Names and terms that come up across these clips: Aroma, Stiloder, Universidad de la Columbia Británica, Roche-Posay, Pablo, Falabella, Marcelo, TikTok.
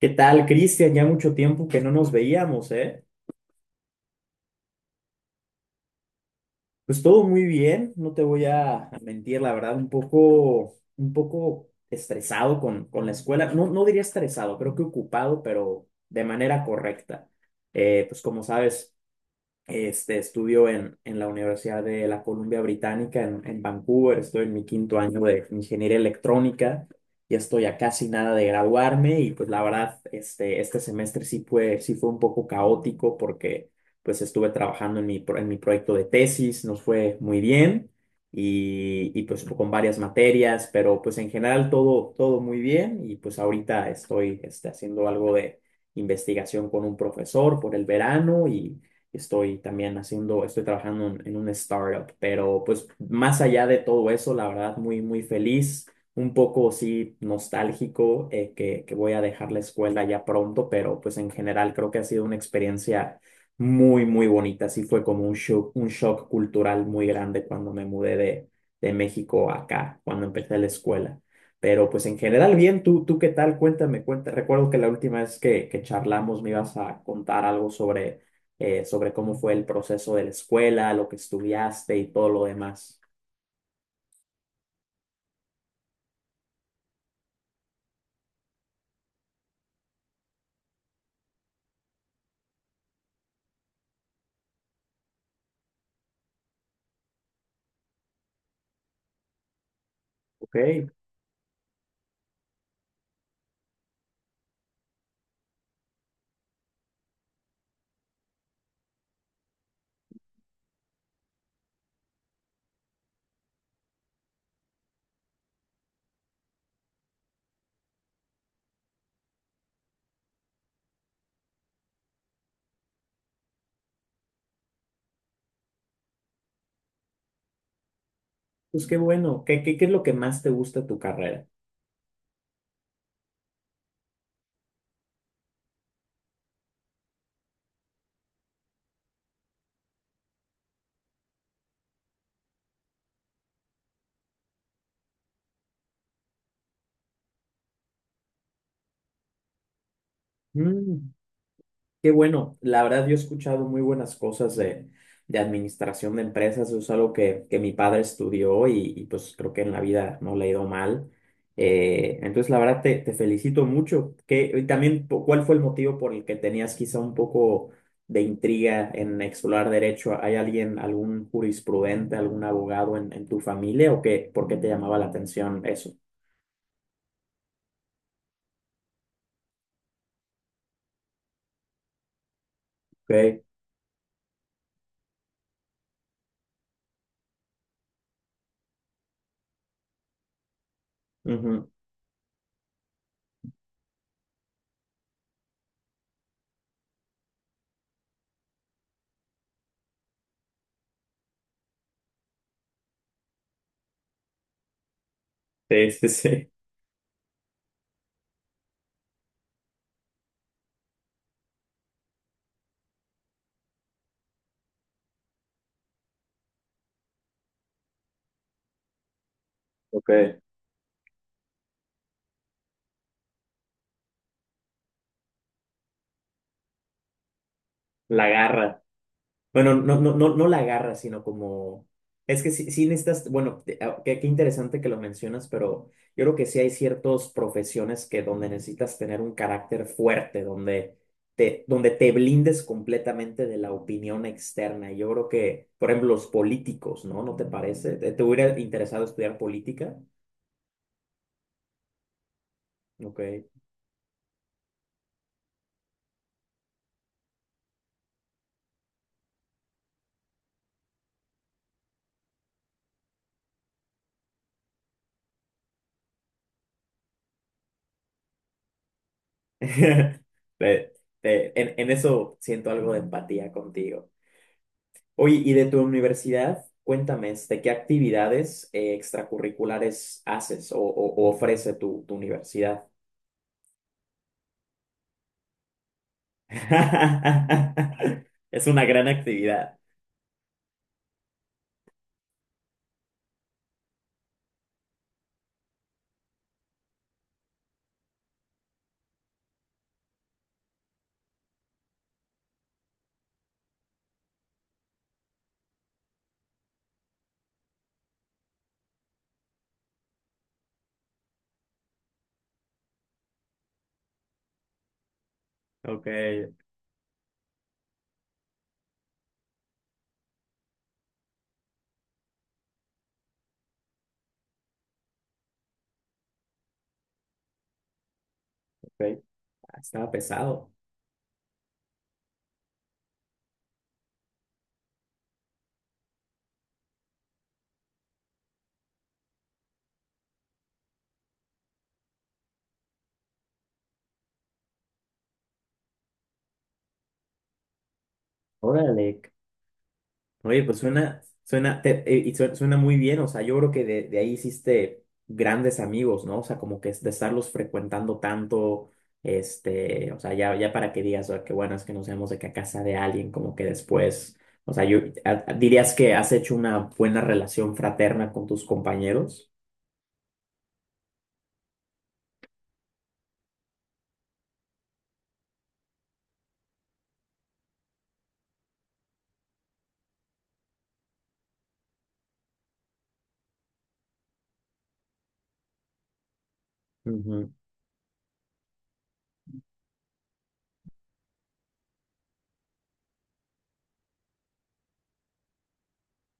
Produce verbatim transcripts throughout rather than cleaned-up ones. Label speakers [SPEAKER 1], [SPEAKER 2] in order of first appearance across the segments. [SPEAKER 1] ¿Qué tal, Cristian? Ya mucho tiempo que no nos veíamos, ¿eh? Pues todo muy bien, no te voy a a mentir, la verdad, un poco, un poco estresado con, con la escuela. No, no diría estresado, creo que ocupado, pero de manera correcta. Eh, pues, como sabes, Este, estudio en, en la Universidad de la Columbia Británica en, en Vancouver. Estoy en mi quinto año de ingeniería electrónica. Ya estoy a casi nada de graduarme y, pues la verdad, este, este semestre sí fue, sí fue un poco caótico, porque pues estuve trabajando en mi, pro- en mi proyecto de tesis, nos fue muy bien y, y pues con varias materias. Pero pues en general, todo, todo muy bien, y pues ahorita estoy este, haciendo algo de investigación con un profesor por el verano. Estoy también haciendo, estoy trabajando en, en un startup. Pero pues más allá de todo eso, la verdad, muy, muy feliz, un poco sí nostálgico, eh, que, que voy a dejar la escuela ya pronto, pero pues en general creo que ha sido una experiencia muy, muy bonita. Sí, fue como un shock, un shock cultural muy grande cuando me mudé de, de México acá, cuando empecé la escuela. Pero pues en general bien. ¿tú, tú qué tal? Cuéntame, cuéntame. Recuerdo que la última vez que, que charlamos me ibas a contar algo sobre eh, sobre cómo fue el proceso de la escuela, lo que estudiaste y todo lo demás. Ok, pues qué bueno. ¿Qué, qué, qué es lo que más te gusta de tu carrera? Mm. Qué bueno, la verdad yo he escuchado muy buenas cosas de, de administración de empresas. Eso es algo que, que mi padre estudió, y, y, pues creo que en la vida no le ha ido mal. Eh, entonces, la verdad, te, te felicito mucho. Que, y también, po- ¿cuál fue el motivo por el que tenías quizá un poco de intriga en explorar derecho? ¿Hay alguien, algún jurisprudente, algún abogado en, en tu familia, o qué? ¿Por qué te llamaba la atención eso? Ok. Ujú. Sí, sí, sí. Ok. La garra. Bueno, no, no, no, no la agarra, sino como. Es que sí, sí necesitas. Bueno, te- ah, qué, qué interesante que lo mencionas, pero yo creo que sí hay ciertas profesiones que donde necesitas tener un carácter fuerte, donde te, donde te blindes completamente de la opinión externa. Yo creo que, por ejemplo, los políticos, ¿no? ¿No te parece? ¿Te, te hubiera interesado estudiar política? Ok. Te- te- en, en eso siento algo de empatía contigo. Oye, y de tu universidad, cuéntame. Este, ¿qué actividades eh, extracurriculares haces, o, o- o ofrece tu, tu universidad? Es una gran actividad. Ok, ok. Ah, estaba pesado. Órale. Oye, pues suena, suena, te- eh, y sue- suena muy bien. O sea, yo creo que de, de ahí hiciste grandes amigos, ¿no? O sea, como que es de estarlos frecuentando tanto. Este, o sea, ya, ya para que digas, "Ah, qué bueno es que nos vemos", de que a casa de alguien, como que después, o sea, yo. A- a- ¿dirías que has hecho una buena relación fraterna con tus compañeros?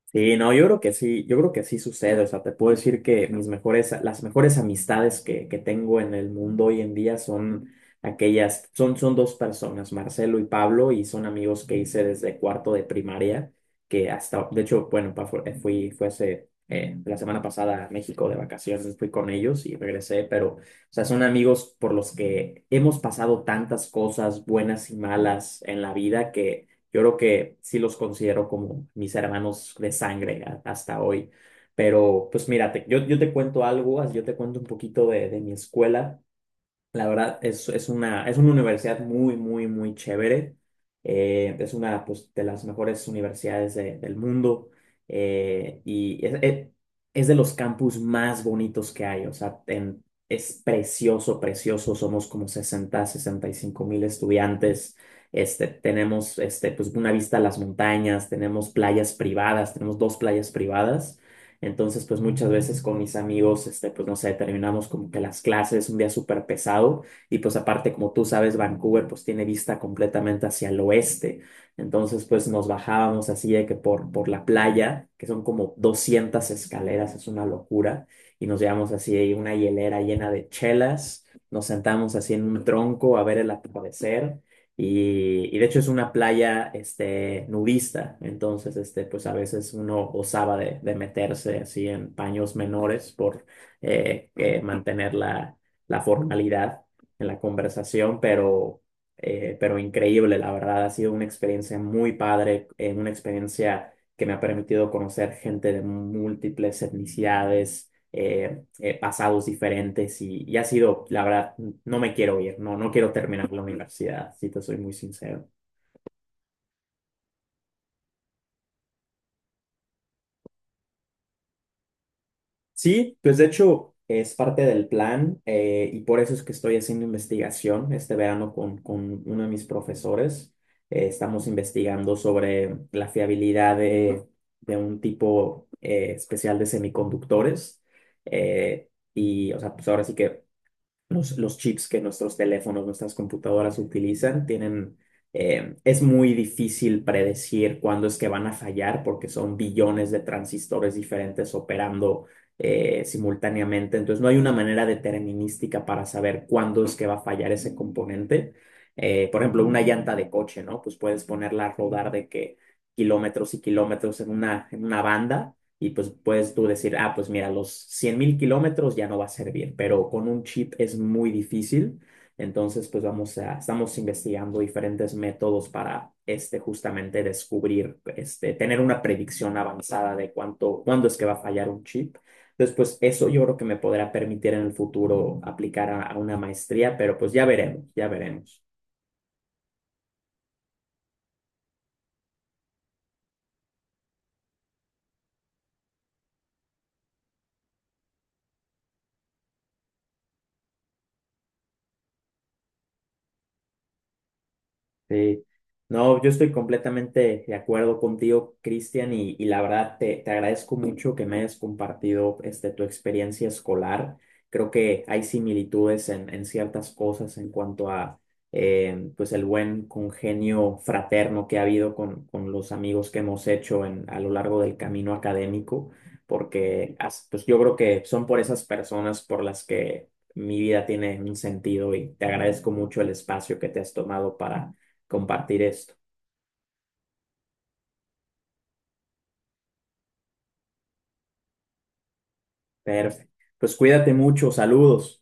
[SPEAKER 1] Sí, no, yo creo que sí, yo creo que sí, sucede. O sea, te puedo decir que mis mejores, las mejores amistades que, que tengo en el mundo hoy en día son aquellas, son, son dos personas: Marcelo y Pablo. Y son amigos que hice desde cuarto de primaria, que hasta, de hecho, bueno, pa- fu- eh, fui, fue hace, eh, la semana pasada, a México de vacaciones. Fui con ellos y regresé. Pero, o sea, son amigos por los que hemos pasado tantas cosas buenas y malas en la vida, que yo creo que sí los considero como mis hermanos de sangre a- hasta hoy. Pero pues mira, te- yo, yo te cuento algo, as- yo te cuento un poquito de, de mi escuela. La verdad, es, es una, es una universidad muy, muy, muy chévere. Eh, es una, pues, de las mejores universidades de- del mundo, eh, y es, es- es de los campus más bonitos que hay. O sea, en- es precioso, precioso. Somos como sesenta sesenta y cinco mil estudiantes. Este, tenemos, este, pues, una vista a las montañas. Tenemos playas privadas, tenemos dos playas privadas. Entonces, pues muchas veces con mis amigos, este, pues no sé, terminamos como que las clases un día súper pesado. Y pues aparte, como tú sabes, Vancouver pues tiene vista completamente hacia el oeste. Entonces, pues nos bajábamos así de que por, por la playa, que son como doscientas escaleras, es una locura, y nos llevamos así ahí una hielera llena de chelas, nos sentamos así en un tronco a ver el atardecer. Y, y de hecho es una playa, este, nudista. Entonces, este, pues a veces uno osaba de, de meterse así en paños menores por eh, eh, mantener la, la formalidad en la conversación. Pero, eh, pero increíble, la verdad. Ha sido una experiencia muy padre, eh, una experiencia que me ha permitido conocer gente de múltiples etnicidades, eh, eh, pasados diferentes. Y, y ha sido, la verdad, no me quiero ir. No, no quiero terminar la universidad, si te soy muy sincero. Sí, pues de hecho es parte del plan, eh, y por eso es que estoy haciendo investigación este verano con, con uno de mis profesores. Eh, estamos investigando sobre la fiabilidad de, de un tipo eh, especial de semiconductores. Eh, y, o sea, pues ahora sí que. Los, los chips que nuestros teléfonos, nuestras computadoras utilizan tienen, eh, es muy difícil predecir cuándo es que van a fallar, porque son billones de transistores diferentes operando eh, simultáneamente. Entonces no hay una manera determinística para saber cuándo es que va a fallar ese componente. Eh, por ejemplo, una llanta de coche, ¿no? Pues puedes ponerla a rodar de que kilómetros y kilómetros en una, en una banda, y pues puedes tú decir, ah, pues mira, los cien mil kilómetros ya no va a servir. Pero con un chip es muy difícil. Entonces, pues vamos a, estamos investigando diferentes métodos para, este, justamente descubrir, este, tener una predicción avanzada de cuánto, cuándo es que va a fallar un chip. Entonces, pues eso yo creo que me podrá permitir en el futuro aplicar a, a una maestría, pero pues ya veremos, ya veremos. Sí, no, yo estoy completamente de acuerdo contigo, Cristian, y, y la verdad te, te agradezco mucho que me hayas compartido, este, tu experiencia escolar. Creo que hay similitudes en, en ciertas cosas en cuanto a, eh, pues el buen congenio fraterno que ha habido con, con los amigos que hemos hecho en, a lo largo del camino académico, porque as- pues yo creo que son por esas personas por las que mi vida tiene un sentido. Y te agradezco mucho el espacio que te has tomado para compartir esto. Perfecto. Pues cuídate mucho, saludos.